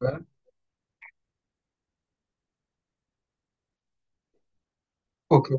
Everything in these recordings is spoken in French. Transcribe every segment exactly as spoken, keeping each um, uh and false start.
Ouais. Ok,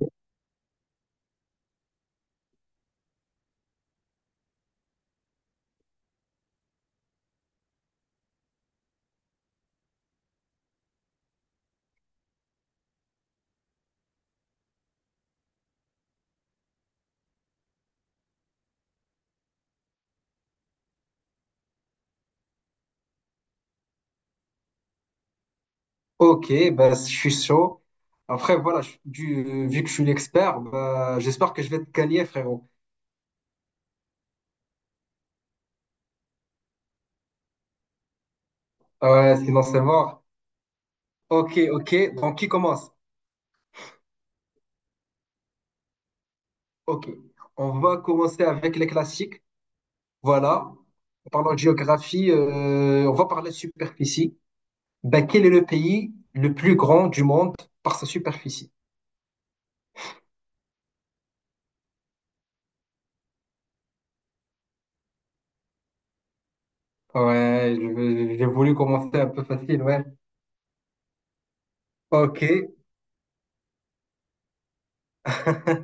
ok, bah, je suis chaud. Après, voilà, je- du, vu que je suis l'expert, bah, j'espère que je vais te gagner, frérot. Ah ouais, sinon c'est mort. Ok, ok, donc qui commence? Ok, on va commencer avec les classiques. Voilà, en parlant de géographie, euh, on va parler de superficie. Bah, quel est le pays le plus grand du monde par sa superficie? Ouais, je- j'ai voulu commencer un peu facile, ouais. Ok,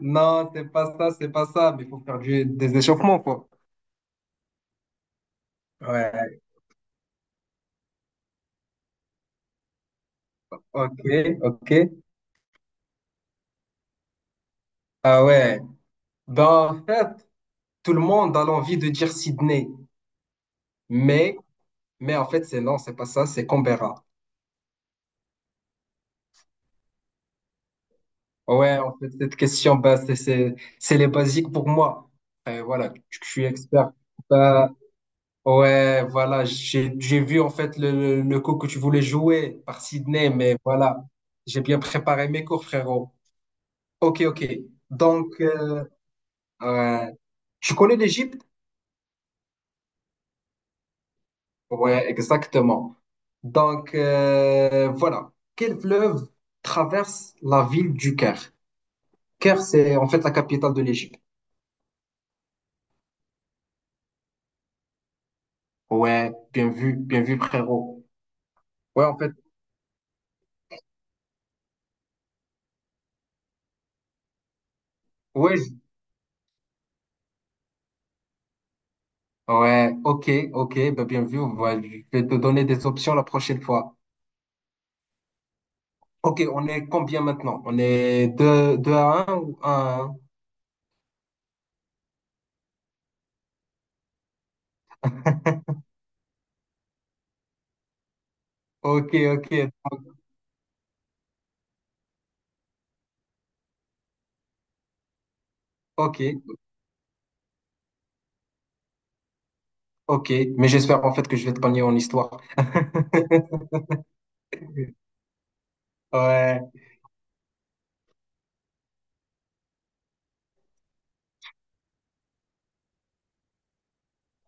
non, c'est pas ça, c'est pas ça, mais il faut faire du, des échauffements, quoi. Ouais, ok, ok. Ah ouais. Ben, en fait, tout le monde a l'envie de dire Sydney, mais, mais en fait, c'est non, c'est pas ça, c'est Canberra. Ouais, en fait, cette question, ben, c'est, c'est, c'est les basiques pour moi. Et voilà, je je suis expert. Ben, ouais, voilà, j'ai, j'ai vu en fait le, le coup que tu voulais jouer par Sydney, mais voilà, j'ai bien préparé mes cours, frérot. Ok, ok. Donc, euh, ouais. Tu connais l'Égypte? Ouais, exactement. Donc, euh, voilà. Quel fleuve traverse la ville du Caire? Caire, c'est en fait la capitale de l'Égypte. Ouais, bien vu, bien vu, frérot. Ouais, en fait, ouais, je- ouais, ok, ok, bah bien vu. Ouais, je vais te donner des options la prochaine fois. Ok, on est combien maintenant? On est deux deux à un ou un à un? Ok, ok, ok, ok. Mais j'espère en fait que je vais te gagner en histoire. Ouais.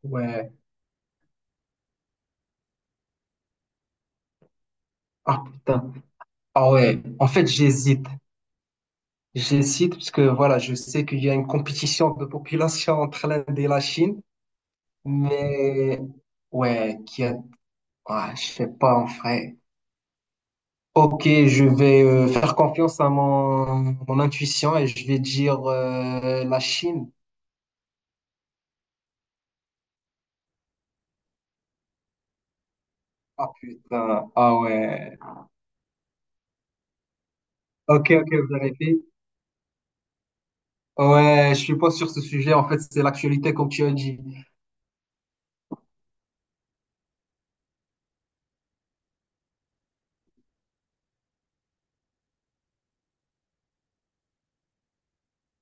Ouais. Ah putain. Ah ouais. En fait, j'hésite. J'hésite parce que voilà, je sais qu'il y a une compétition de population entre l'Inde et la Chine, mais ouais, qui a... ah, je sais pas en vrai. Ok, je vais euh, faire confiance à mon, mon intuition et je vais dire euh, la Chine. Ah putain. Ah ouais. Ok, ok, vous avez fait. Ouais, je suis pas sur ce sujet. En fait, c'est l'actualité, comme tu as dit.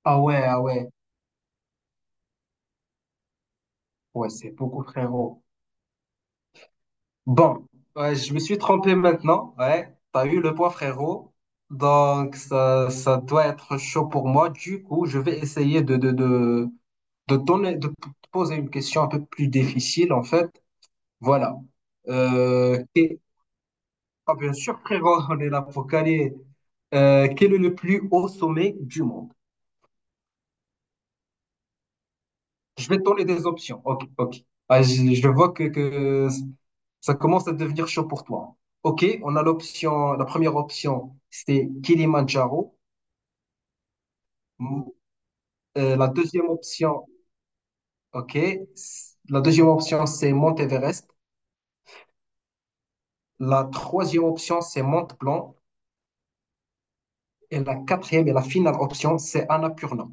Ah ouais, ah ouais. Ouais, c'est beaucoup, frérot. Bon, ouais, je me suis trompé maintenant. Ouais, t'as eu le point, frérot. Donc, ça, ça doit être chaud pour moi. Du coup, je vais essayer de, de, de, de donner, de p- poser une question un peu plus difficile, en fait. Voilà. Euh, que- Ah, bien sûr, frérot, on est là pour gagner. Euh, quel est le plus haut sommet du monde? Je vais te donner des options. Ok, ok. Ah, je, je vois que, que ça commence à devenir chaud pour toi. Ok, on a l'option, la première option, c'est Kilimandjaro. M- euh, la deuxième option, ok, s- la deuxième option, c'est Mont Everest. La troisième option, c'est Mont Blanc. Et la quatrième et la finale option, c'est Annapurna.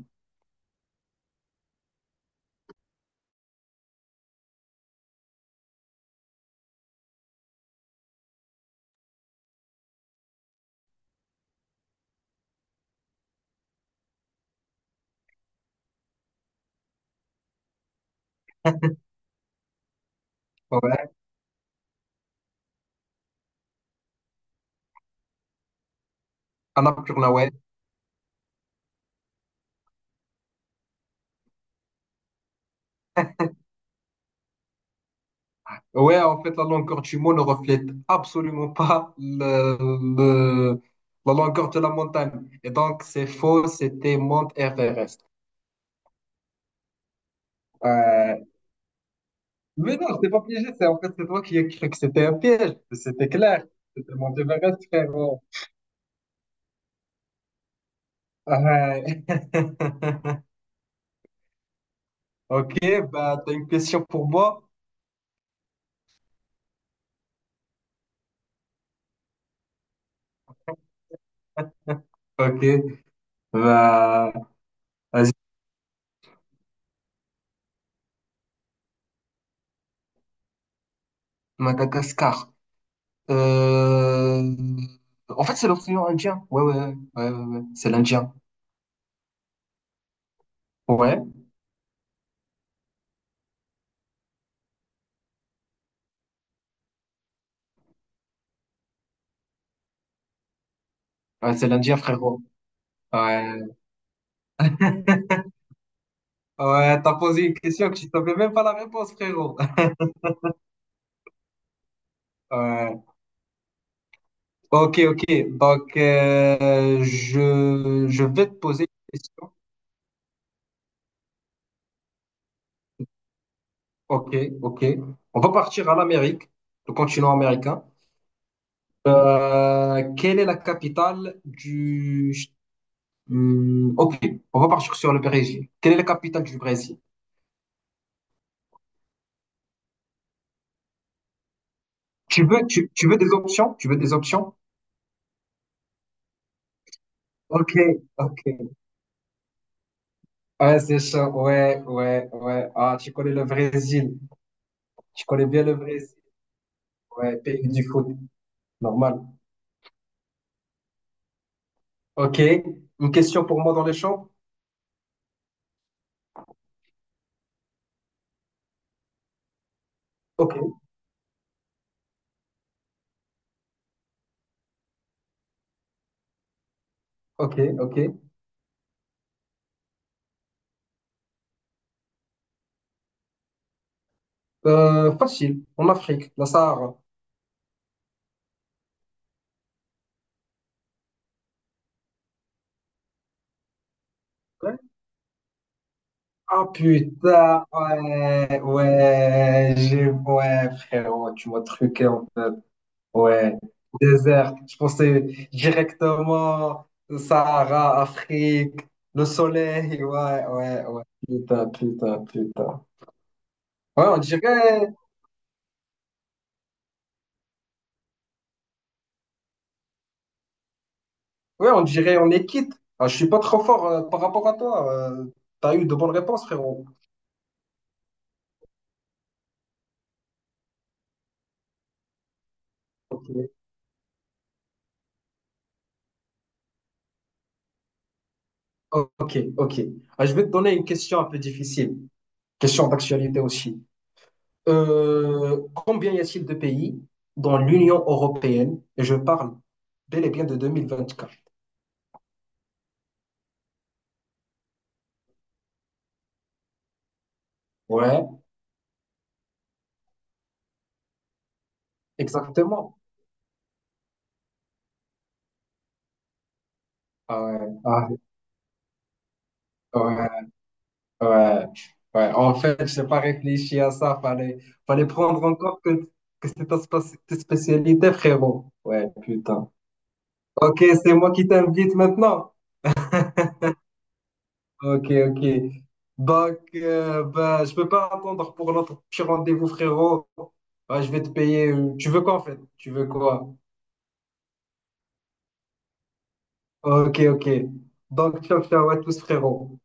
Ouais, Annapurna, ouais. Ouais, en fait, la longueur du mot ne reflète absolument pas le, le- la longueur de la montagne. Et donc, c'est faux, c'était Mount Everest. Euh, mais non, je pas piégé, c'est en fait, c'est toi qui as cru que c'était un piège. C'était clair, c'était Mount Everest, frérot. Ouais. Ok, bah, t'as une question pour moi? Ok, bah, vas-y, Madagascar. Euh, En fait, c'est l'océan Indien. Ouais, ouais, ouais, ouais, ouais. Ouais. C'est l'Indien. Ouais, ouais, c'est l'Indien, frérot. Ouais. Ouais, t'as posé une question que tu savais même pas la réponse, frérot. Ouais. Ok, ok. Donc, euh, je, je vais te poser une question. Ok, ok. On va partir à l'Amérique, le continent américain. Euh, quelle est la capitale du... Hmm, ok, on va partir sur le Brésil. Quelle est la capitale du Brésil? Tu veux, tu, tu veux des options? Tu veux des options? Ok, ok. Ouais, c'est chaud. Ouais, ouais, ouais. Ah, tu connais le Brésil. Tu connais bien le Brésil. Ouais, pays du foot. Normal. Ok. Une question pour moi dans les champs? Ok, ok, ok. Euh, facile. En Afrique, la Sahara. Ouais. Ah putain, ouais, ouais, j'ai, ouais, frérot, tu m'as truqué en fait. Ouais, désert. Je pensais directement Sahara, Afrique, le soleil. Ouais, ouais, ouais. Putain, putain, putain. Ouais, on dirait, ouais, on dirait, on est quitte. Ah, je suis pas trop fort euh, par rapport à toi. Euh, t'as eu de bonnes réponses, frérot. Ok, ok. Ok. Ah, je vais te donner une question un peu difficile. Question d'actualité aussi. Euh, combien y a-t-il de pays dans l'Union européenne? Et je parle bel et bien de deux mille vingt-quatre. Ouais. Exactement. Ah ouais, ah ouais, ouais, ouais. En fait, j'ai pas réfléchi à ça. Fallait, fallait prendre encore que, que c'était ta spéc- ta spécialité, frérot. Ouais, putain. Ok, c'est moi qui t'invite maintenant. Ok, ok. Donc, euh, bah, je peux pas attendre pour notre petit rendez-vous, frérot. Ouais, je vais te payer. euh, Tu veux quoi, en fait? Tu veux quoi? Ok, ok. Donc, ciao, ciao à tous, frérot.